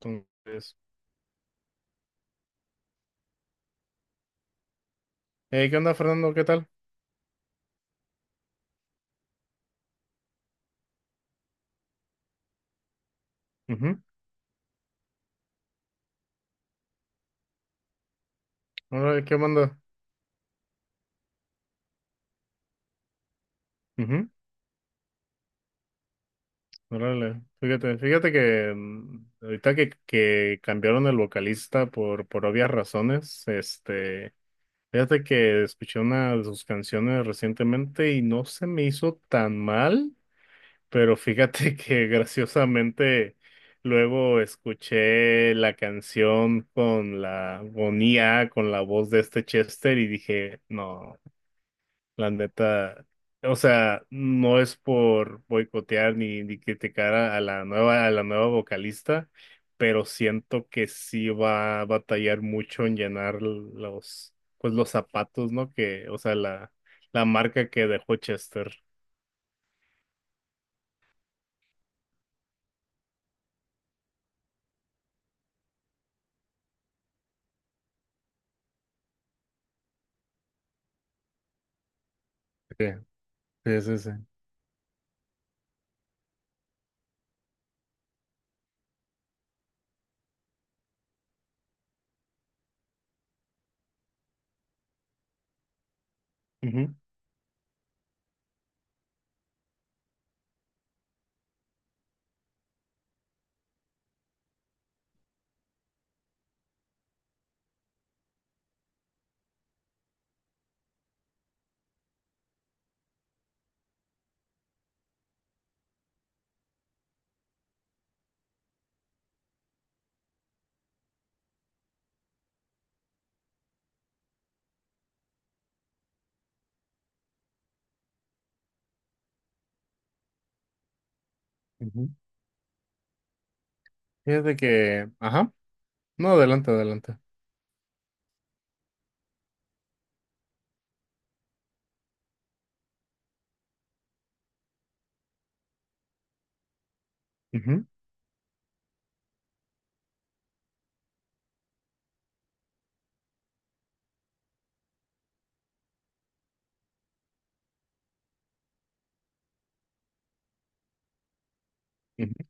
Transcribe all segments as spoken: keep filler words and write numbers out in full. Entonces, eh, ¿qué onda, Fernando? ¿Qué tal? Ujú. Órale, ¿qué onda? Ujú. Órale, fíjate, fíjate que mm, ahorita que, que cambiaron el vocalista por, por obvias razones, este, fíjate que escuché una de sus canciones recientemente y no se me hizo tan mal, pero fíjate que graciosamente luego escuché la canción con la agonía, con I A, con la voz de este Chester y dije, no. La neta, o sea, no es por boicotear ni, ni criticar a, a la nueva, a la nueva vocalista, pero siento que sí va a batallar mucho en llenar los, pues los zapatos, ¿no? Que, o sea, la, la marca que dejó Chester. Sí, sí, sí, sí. Ujú, ujú. Fíjate que, ajá, no, adelante, adelante. Ujú, ujú.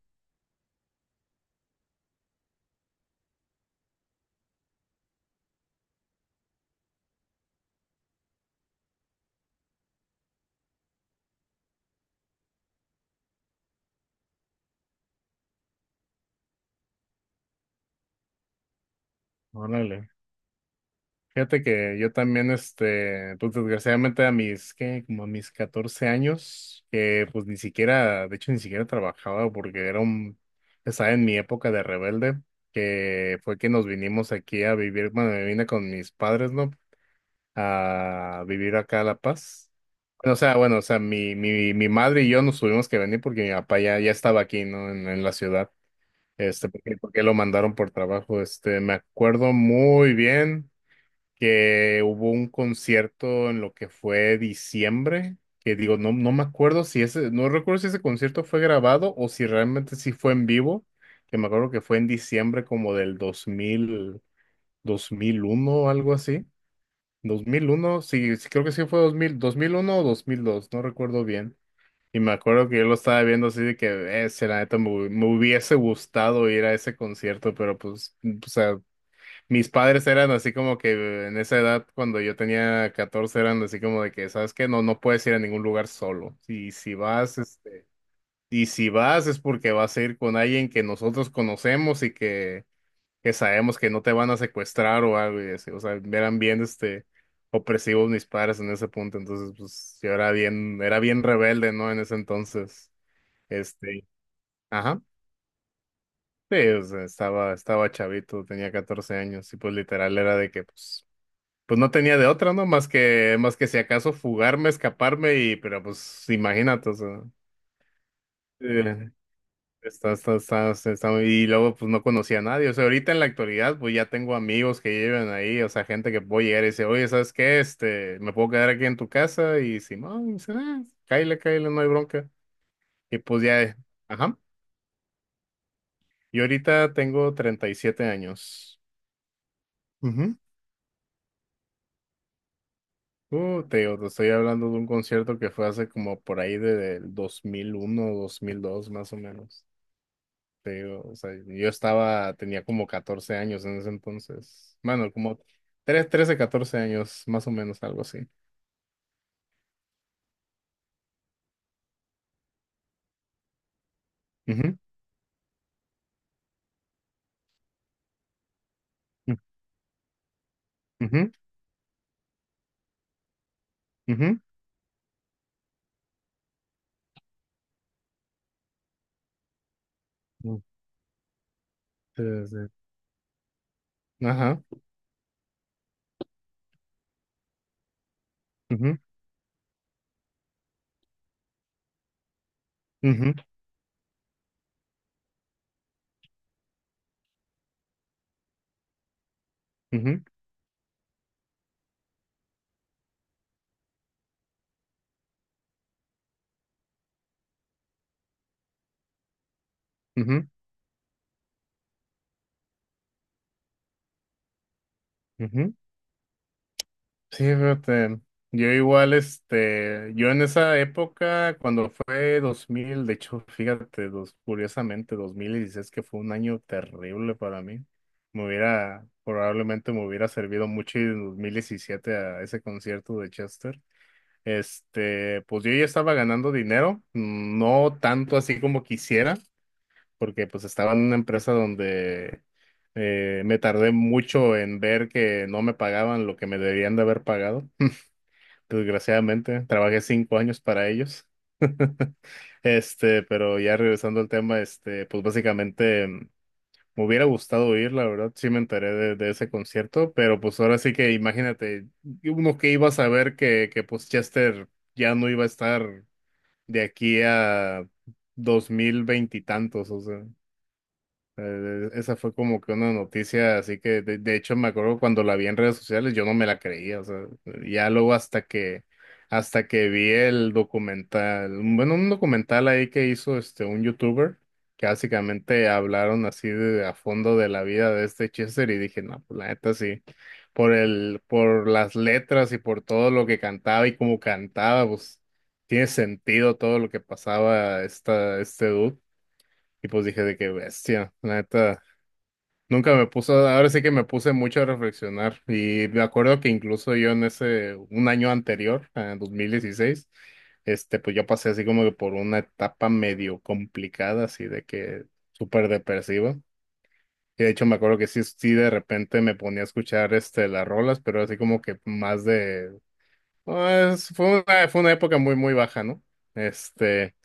Órale. Fíjate que yo también, este, pues desgraciadamente a mis, ¿qué? Como a mis catorce años, que pues ni siquiera, de hecho ni siquiera trabajaba porque era un, estaba en mi época de rebelde, que fue que nos vinimos aquí a vivir, bueno, me vine con mis padres, ¿no? A vivir acá a La Paz. Bueno, O sea, bueno, o sea, mi, mi, mi madre y yo nos tuvimos que venir porque mi papá ya, ya estaba aquí, ¿no? En, en la ciudad, este, porque, porque lo mandaron por trabajo, este, me acuerdo muy bien que hubo un concierto en lo que fue diciembre, que digo, no, no me acuerdo si ese, no recuerdo si ese concierto fue grabado o si realmente sí fue en vivo, que me acuerdo que fue en diciembre como del dos mil, dos mil uno o algo así. Dos mil uno, sí, sí, creo que sí fue dos dos mil dos mil uno o dos mil dos, no recuerdo bien. Y me acuerdo que yo lo estaba viendo así de que, eh, si la neta me, hu- me hubiese gustado ir a ese concierto, pero pues, o sea, mis padres eran así como que en esa edad, cuando yo tenía catorce eran así como de que, ¿sabes qué? No, no puedes ir a ningún lugar solo. Y si vas, este, y si vas es porque vas a ir con alguien que nosotros conocemos y que, que sabemos que no te van a secuestrar o algo y así. O sea, eran bien, este, opresivos mis padres en ese punto. Entonces, pues, yo era bien, era bien rebelde, ¿no? En ese entonces, este, ajá. Sí, o sea, estaba, estaba chavito, tenía catorce años y pues literal era de que, pues, pues no tenía de otra, ¿no? Más que, más que si acaso fugarme, escaparme y, pero pues imagínate, o sea, eh, está, está, está, está- está- y luego pues no conocía a nadie, o sea, ahorita en la actualidad pues ya tengo amigos que llevan ahí, o sea, gente que puedo llegar y decir, oye, ¿sabes qué? Este, me puedo quedar aquí en tu casa y Simón, y dice, ah, cáile, cáile, no hay bronca. Y pues ya, eh, ajá, y ahorita tengo treinta y siete años. Uh, te digo, te estoy hablando de un concierto que fue hace como por ahí de, del dos mil uno, dos mil dos, más o menos. Te digo, o sea, yo estaba, tenía como catorce años en ese entonces. Bueno, como tres trece, catorce años, más o menos, algo así. Ujú, ujú, ujú, ujú. Sí, sí. Ajá. Ujú, ujú, ujú, ujú, ujú. Sí, fíjate, yo igual, este, yo en esa época, cuando fue dos mil de hecho, fíjate, dos, curiosamente, dos mil dieciséis, que fue un año terrible para mí, me hubiera, probablemente me hubiera servido mucho ir en dos mil diecisiete a ese concierto de Chester. Este, pues yo ya estaba ganando dinero, no tanto así como quisiera, porque pues estaba en una empresa donde eh, me tardé mucho en ver que no me pagaban lo que me debían de haber pagado. Desgraciadamente, trabajé cinco años para ellos. Este, pero ya regresando al tema, este, pues básicamente mm, me hubiera gustado ir, la verdad, sí me enteré de, de ese concierto, pero pues ahora sí que imagínate, uno que iba a saber que, que pues Chester ya no iba a estar de aquí a dos mil veintitantos, eh, esa fue como que una noticia, así que de, de hecho me acuerdo cuando la vi en redes sociales, yo no me la creía, o sea, ya luego hasta que, hasta que vi el documental, bueno, un documental ahí que hizo este un youtuber, que básicamente hablaron así de, a fondo de la vida de este Chester y dije, no, pues la neta sí, por el, por las letras y por todo lo que cantaba y cómo cantaba, pues tiene sentido todo lo que pasaba esta, este dude. Y pues dije de qué bestia, la neta. Nunca me puso, ahora sí que me puse mucho a reflexionar y me acuerdo que incluso yo en ese, un año anterior, en dos mil dieciséis, este, pues yo pasé así como que por una etapa medio complicada, así de que súper depresiva. Y de hecho me acuerdo que sí, sí de repente me ponía a escuchar este, las rolas, pero así como que más de, pues, fue una, fue una época muy, muy baja, ¿no? Este...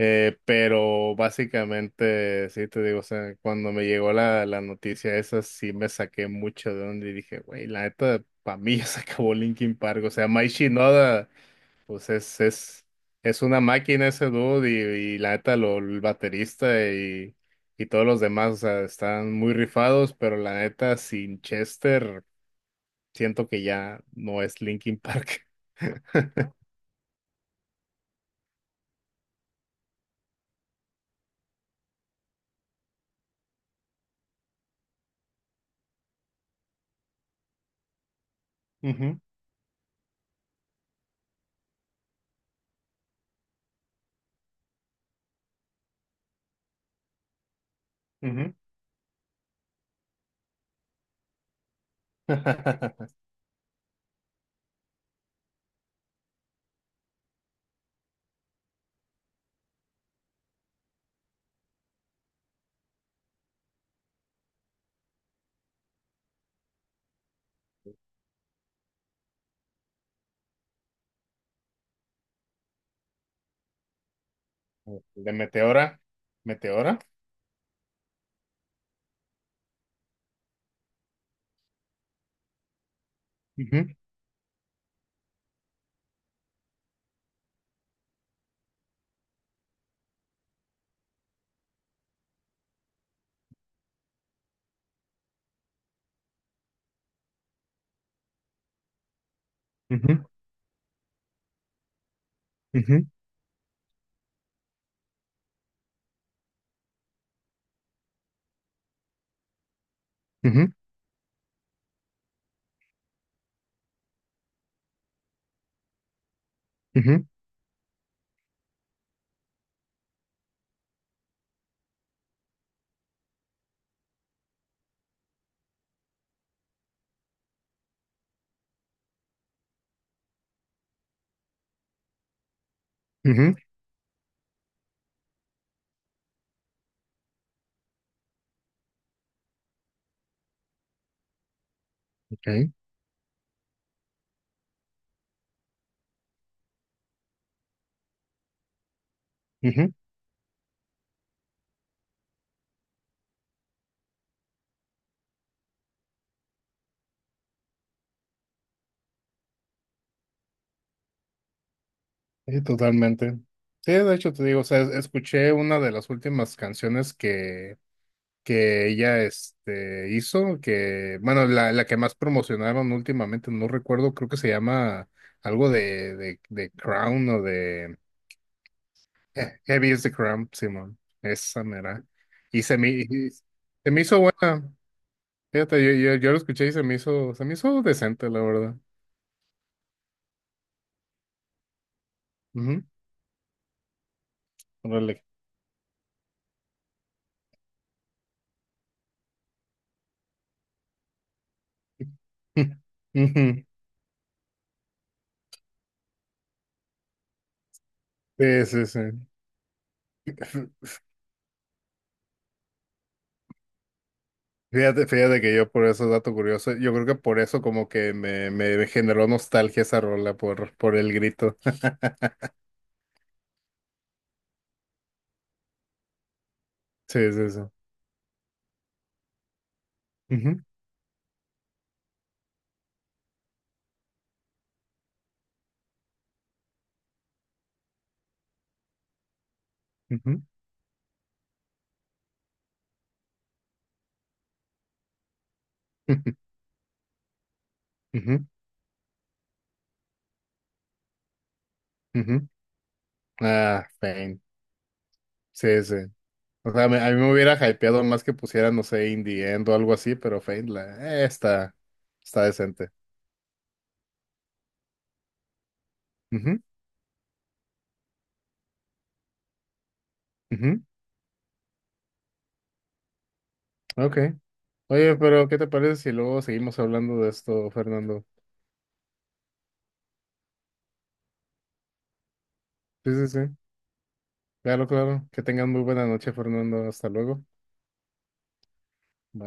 Eh, pero básicamente, sí te digo, o sea, cuando me llegó la, la noticia esa, sí me saqué mucho de onda y dije, güey, la neta, para mí ya se acabó Linkin Park. O sea, Mike Shinoda, pues es, es, es una máquina ese dude y, y la neta, lo, el baterista y, y todos los demás, o sea, están muy rifados, pero la neta, sin Chester, siento que ya no es Linkin Park. Ujú, ujú. De Meteora. Meteora. Ujú, ujú, ujú, ujú, ujú, ujú, ok, ujú. Sí, totalmente. Sí, de hecho te digo, o sea, es- escuché una de las últimas canciones que, que ella este, hizo, que, bueno, la, la que más promocionaron últimamente, no recuerdo, creo que se llama algo de, de, de Crown o de eh, Heavy is the Crown, Simón. Esa mera. Y se me, y se me hizo buena. Fíjate, yo, yo, yo lo escuché y se me hizo, se me hizo decente, la verdad. Ujú, órale. Ujú, Sí, sí, sí. F- Fíjate, fíjate que yo por eso, dato curioso, yo creo que por eso como que me, me generó nostalgia esa rola por, por el grito. Sí, sí, sí. Ujú, ujú, ujú, ujú, ujú. Ah, Fein. Sí, sí. O sea, me- a mí me hubiera hypeado más que pusieran, no sé, Indie End o algo así, pero Fein la, eh, está, está decente. Ujú, ujú. Ok. Oye, pero ¿qué te parece si luego seguimos hablando de esto, Fernando? Sí, sí, sí. Claro, claro. Que tengan muy buena noche, Fernando. Hasta luego. Bye.